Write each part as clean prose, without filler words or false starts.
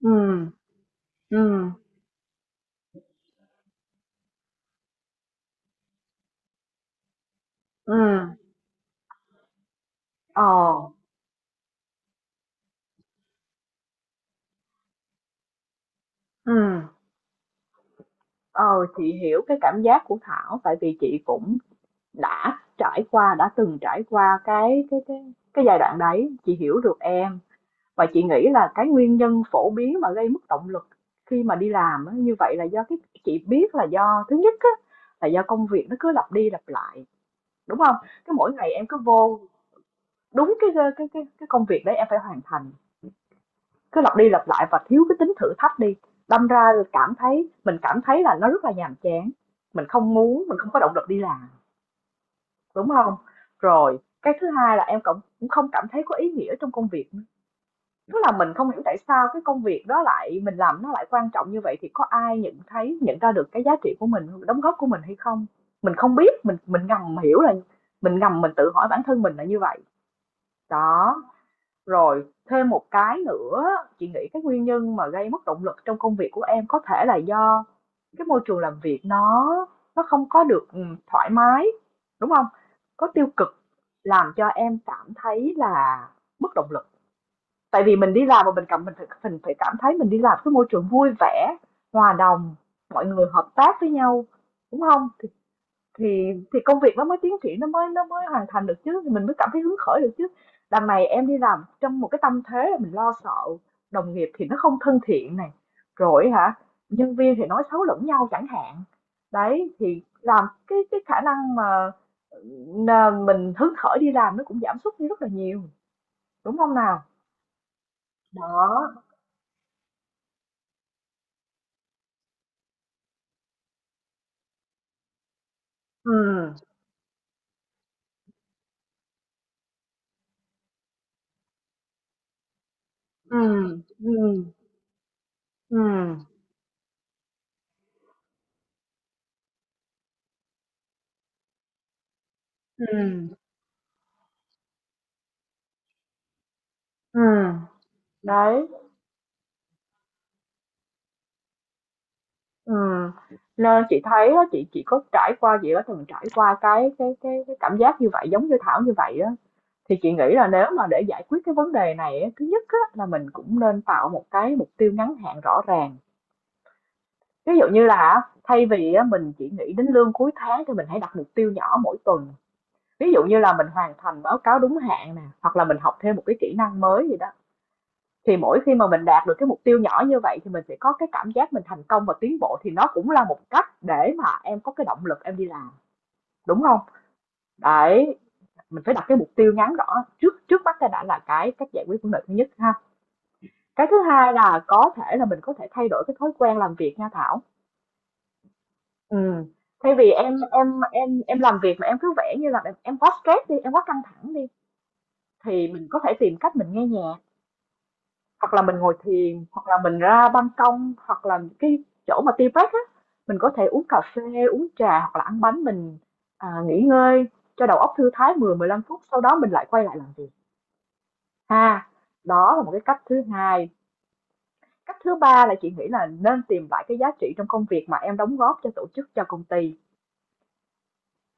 Ừ, ừ, ừ. ờ, ừ ờ, chị hiểu cái cảm giác của Thảo, tại vì chị cũng đã trải qua đã từng trải qua cái giai đoạn đấy, chị hiểu được em. Và chị nghĩ là cái nguyên nhân phổ biến mà gây mất động lực khi mà đi làm á, như vậy là do chị biết là do thứ nhất á, là do công việc nó cứ lặp đi lặp lại, đúng không? Cái mỗi ngày em cứ vô đúng cái công việc đấy em phải hoàn thành, cứ lặp đi lặp lại và thiếu cái tính thử thách đi, đâm ra cảm thấy là nó rất là nhàm chán, mình không muốn, mình không có động lực đi làm, đúng không? Rồi cái thứ hai là em cũng cũng không cảm thấy có ý nghĩa trong công việc, tức là mình không hiểu tại sao cái công việc đó lại mình làm, nó lại quan trọng như vậy, thì có ai nhận thấy, nhận ra được cái giá trị của mình đóng góp của mình hay không. Mình không biết, mình ngầm hiểu là mình ngầm, mình tự hỏi bản thân mình là như vậy đó. Rồi, thêm một cái nữa, chị nghĩ cái nguyên nhân mà gây mất động lực trong công việc của em có thể là do cái môi trường làm việc nó không có được thoải mái, đúng không? Có tiêu cực làm cho em cảm thấy là mất động lực. Tại vì mình đi làm mà mình phải cảm thấy mình đi làm cái môi trường vui vẻ, hòa đồng, mọi người hợp tác với nhau, đúng không? Thì công việc nó mới tiến triển, nó mới hoàn thành được chứ, thì mình mới cảm thấy hứng khởi được chứ. Đằng này em đi làm trong một cái tâm thế là mình lo sợ, đồng nghiệp thì nó không thân thiện này, rồi hả, nhân viên thì nói xấu lẫn nhau chẳng hạn. Đấy, thì làm cái khả năng mà, mình hứng khởi đi làm nó cũng giảm sút đi rất là nhiều, đúng không nào? Đó. Ừ, ừ, ừ, ừ, ừ, ừ. Đấy. Ừ. Nên chị thấy á, chị có trải qua chị đã từng trải qua cái cảm giác như vậy, giống như Thảo như vậy á, thì chị nghĩ là nếu mà để giải quyết cái vấn đề này á, thứ nhất á, là mình cũng nên tạo một cái mục tiêu ngắn hạn rõ ràng. Ví dụ như là thay vì á, mình chỉ nghĩ đến lương cuối tháng, thì mình hãy đặt mục tiêu nhỏ mỗi tuần, ví dụ như là mình hoàn thành báo cáo đúng hạn nè, hoặc là mình học thêm một cái kỹ năng mới gì đó. Thì mỗi khi mà mình đạt được cái mục tiêu nhỏ như vậy thì mình sẽ có cái cảm giác mình thành công và tiến bộ, thì nó cũng là một cách để mà em có cái động lực em đi làm, đúng không? Đấy, mình phải đặt cái mục tiêu ngắn rõ trước trước mắt cái đã, là cái cách giải quyết vấn đề thứ nhất ha. Cái thứ hai là có thể là mình có thể thay đổi cái thói quen làm việc nha Thảo. Ừm, thay vì em làm việc mà em cứ vẽ như là em quá stress đi, em quá căng thẳng đi, thì mình có thể tìm cách mình nghe nhạc. Hoặc là mình ngồi thiền, hoặc là mình ra ban công, hoặc là cái chỗ mà tea break á, mình có thể uống cà phê, uống trà hoặc là ăn bánh mình, nghỉ ngơi cho đầu óc thư thái 10-15 phút, sau đó mình lại quay lại làm việc ha. Đó là một cái cách thứ hai. Cách thứ ba là chị nghĩ là nên tìm lại cái giá trị trong công việc mà em đóng góp cho tổ chức, cho công ty.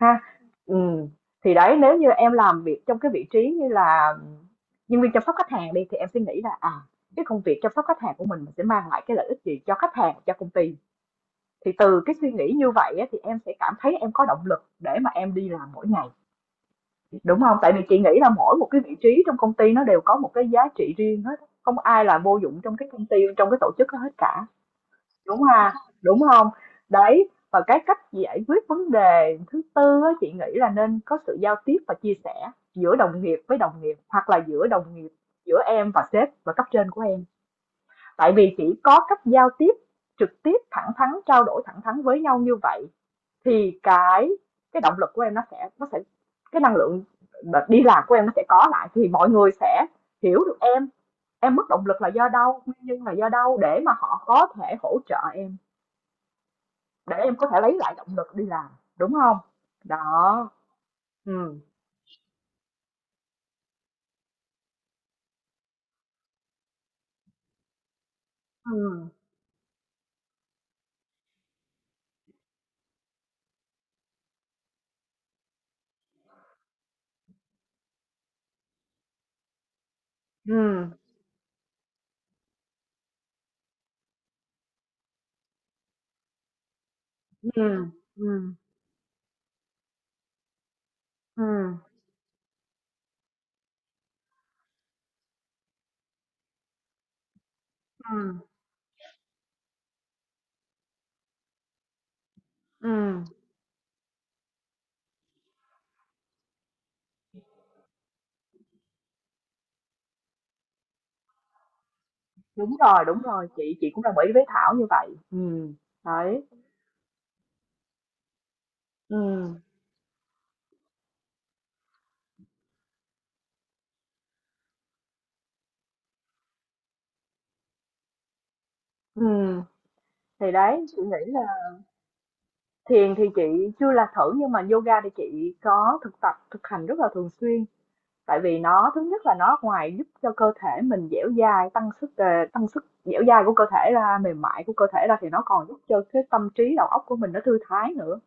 Ha, ừm, thì đấy, nếu như em làm việc trong cái vị trí như là nhân viên chăm sóc khách hàng đi, thì em sẽ nghĩ là, à, cái công việc chăm sóc khách hàng của mình sẽ mang lại cái lợi ích gì cho khách hàng, cho công ty. Thì từ cái suy nghĩ như vậy á, thì em sẽ cảm thấy em có động lực để mà em đi làm mỗi ngày, đúng không? Tại vì chị nghĩ là mỗi một cái vị trí trong công ty nó đều có một cái giá trị riêng hết, không ai là vô dụng trong cái công ty, trong cái tổ chức đó hết cả. Đúng ha, đúng không? Đấy, và cái cách giải quyết vấn đề thứ tư á, chị nghĩ là nên có sự giao tiếp và chia sẻ giữa đồng nghiệp với đồng nghiệp, hoặc là giữa đồng nghiệp, giữa em và sếp và cấp trên của em. Tại vì chỉ có cách giao tiếp trực tiếp, thẳng thắn, trao đổi thẳng thắn với nhau như vậy thì cái động lực của em nó sẽ, cái năng lượng đi làm của em nó sẽ có lại, thì mọi người sẽ hiểu được em mất động lực là do đâu, nguyên nhân là do đâu, để mà họ có thể hỗ trợ em, để em có thể lấy lại động lực đi làm, đúng không? Đó. Ừ, ừ, ừ, ừ, ừ, ừ, ừ, ừ. Đúng rồi, đúng rồi, chị cũng đồng ý với Thảo như vậy. Ừ. Đấy. Ừ, ừ, thì đấy chị nghĩ là thiền thì chị chưa là thử, nhưng mà yoga thì chị có thực tập, thực hành rất là thường xuyên. Tại vì nó, thứ nhất là nó ngoài giúp cho cơ thể mình dẻo dai, tăng sức, tăng sức dẻo dai của cơ thể ra, mềm mại của cơ thể ra, thì nó còn giúp cho cái tâm trí đầu óc của mình nó thư thái nữa.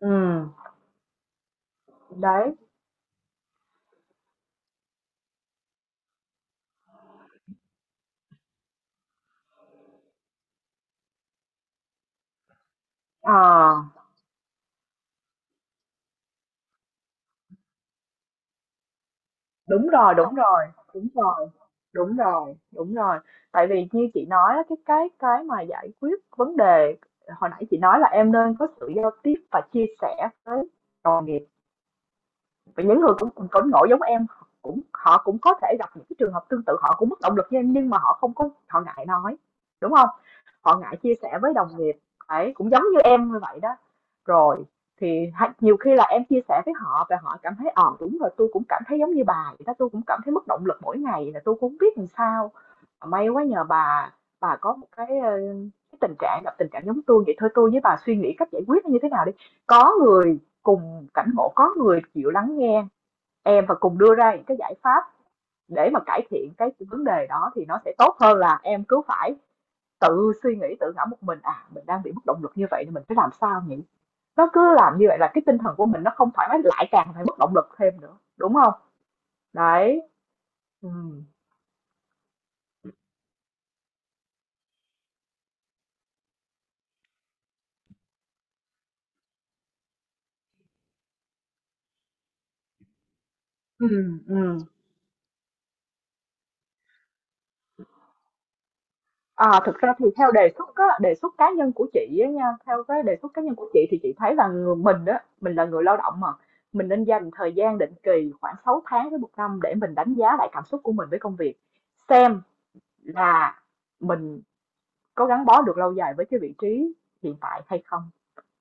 Ừ. Đấy. à Đúng rồi, đúng rồi, đúng rồi. Đúng rồi, đúng rồi. Tại vì như chị nói á, cái mà giải quyết vấn đề hồi nãy chị nói là em nên có sự giao tiếp và chia sẻ với đồng nghiệp. Vậy những người cũng cùng cứng nổi giống em, cũng họ cũng có thể gặp những cái trường hợp tương tự, họ cũng mất động lực như em nhưng mà họ không có, họ ngại nói, đúng không? Họ ngại chia sẻ với đồng nghiệp, ấy cũng giống như em như vậy đó. Rồi, thì nhiều khi là em chia sẻ với họ và họ cảm thấy, ờ, đúng rồi, tôi cũng cảm thấy giống như bà vậy đó, tôi cũng cảm thấy mất động lực mỗi ngày, là tôi cũng hông biết làm sao, may quá nhờ bà có một cái, ờ, cái tình trạng, gặp tình trạng giống tôi vậy, thôi tôi với bà suy nghĩ cách giải quyết như thế nào đi. Có người cùng cảnh ngộ, có người chịu lắng nghe em và cùng đưa ra những cái giải pháp để mà cải thiện cái vấn đề đó, thì nó sẽ tốt hơn là em cứ phải tự suy nghĩ, tự ngẫm một mình, à mình đang bị mất động lực như vậy thì mình phải làm sao nhỉ. Nó cứ làm như vậy là cái tinh thần của mình nó không thoải mái, lại càng phải mất động lực thêm nữa, đúng không? Đấy. Ừ. Ừ, ừ. À, thực ra thì theo đề xuất á, đề xuất cá nhân của chị á nha, theo cái đề xuất cá nhân của chị, thì chị thấy là người mình đó, mình là người lao động mà, mình nên dành thời gian định kỳ khoảng 6 tháng đến một năm để mình đánh giá lại cảm xúc của mình với công việc, xem là mình có gắn bó được lâu dài với cái vị trí hiện tại hay không,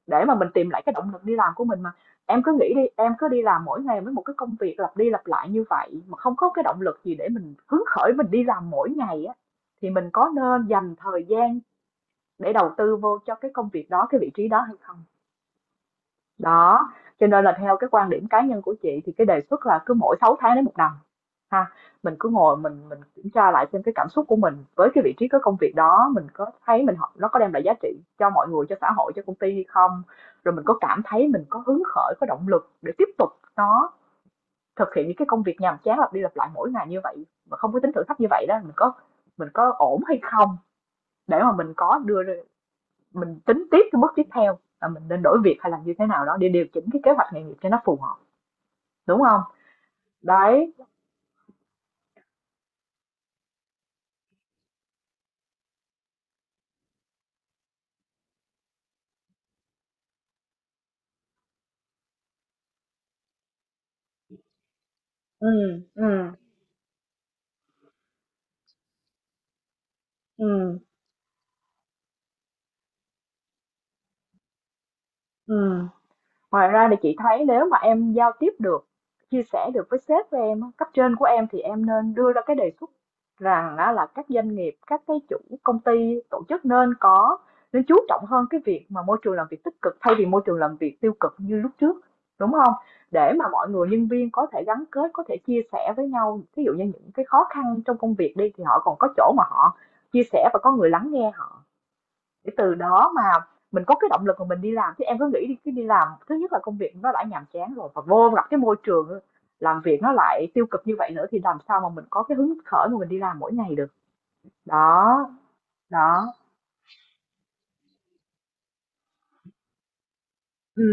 để mà mình tìm lại cái động lực đi làm của mình mà. Em cứ nghĩ đi, em cứ đi làm mỗi ngày với một cái công việc lặp đi lặp lại như vậy, mà không có cái động lực gì để mình hứng khởi mình đi làm mỗi ngày á, thì mình có nên dành thời gian để đầu tư vô cho cái công việc đó, cái vị trí đó hay không? Đó, cho nên là theo cái quan điểm cá nhân của chị thì cái đề xuất là cứ mỗi 6 tháng đến một năm ha. Mình cứ ngồi mình kiểm tra lại xem cái cảm xúc của mình với cái vị trí, cái công việc đó, mình có thấy mình học nó có đem lại giá trị cho mọi người, cho xã hội, cho công ty hay không? Rồi mình có cảm thấy mình có hứng khởi, có động lực để tiếp tục nó, thực hiện những cái công việc nhàm chán lặp đi lặp lại mỗi ngày như vậy mà không có tính thử thách như vậy đó, mình có ổn hay không, để mà mình có đưa, mình tính tiếp cái bước tiếp theo là mình nên đổi việc hay là như thế nào đó để điều chỉnh cái kế hoạch nghề nghiệp cho nó phù hợp, đúng không? Đấy. Ừm, ừm, ừm, ừm. Ngoài ra thì chị thấy nếu mà em giao tiếp được, chia sẻ được với sếp của em, cấp trên của em, thì em nên đưa ra cái đề xuất rằng á, là các doanh nghiệp, các cái chủ công ty, tổ chức nên có, nên chú trọng hơn cái việc mà môi trường làm việc tích cực, thay vì môi trường làm việc tiêu cực như lúc trước, đúng không? Để mà mọi người nhân viên có thể gắn kết, có thể chia sẻ với nhau, ví dụ như những cái khó khăn trong công việc đi, thì họ còn có chỗ mà họ chia sẻ và có người lắng nghe họ, để từ đó mà mình có cái động lực mà mình đi làm. Chứ em cứ nghĩ đi, cứ đi làm thứ nhất là công việc nó đã nhàm chán rồi, và vô gặp cái môi trường làm việc nó lại tiêu cực như vậy nữa, thì làm sao mà mình có cái hứng khởi mà mình đi làm mỗi ngày được. Đó. Đó. Ừ.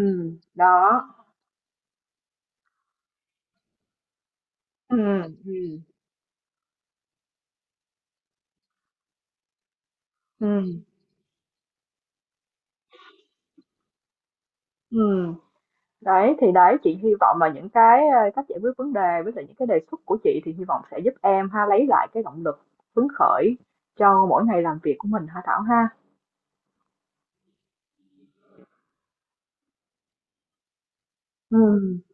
Đó. Ừ, ừ, ừ, ừ, đấy, thì đấy chị hy vọng là những cái cách giải quyết vấn đề với lại những cái đề xuất của chị, thì hy vọng sẽ giúp em ha, lấy lại cái động lực hứng khởi cho mỗi ngày làm việc của mình ha Thảo ha. Ừ.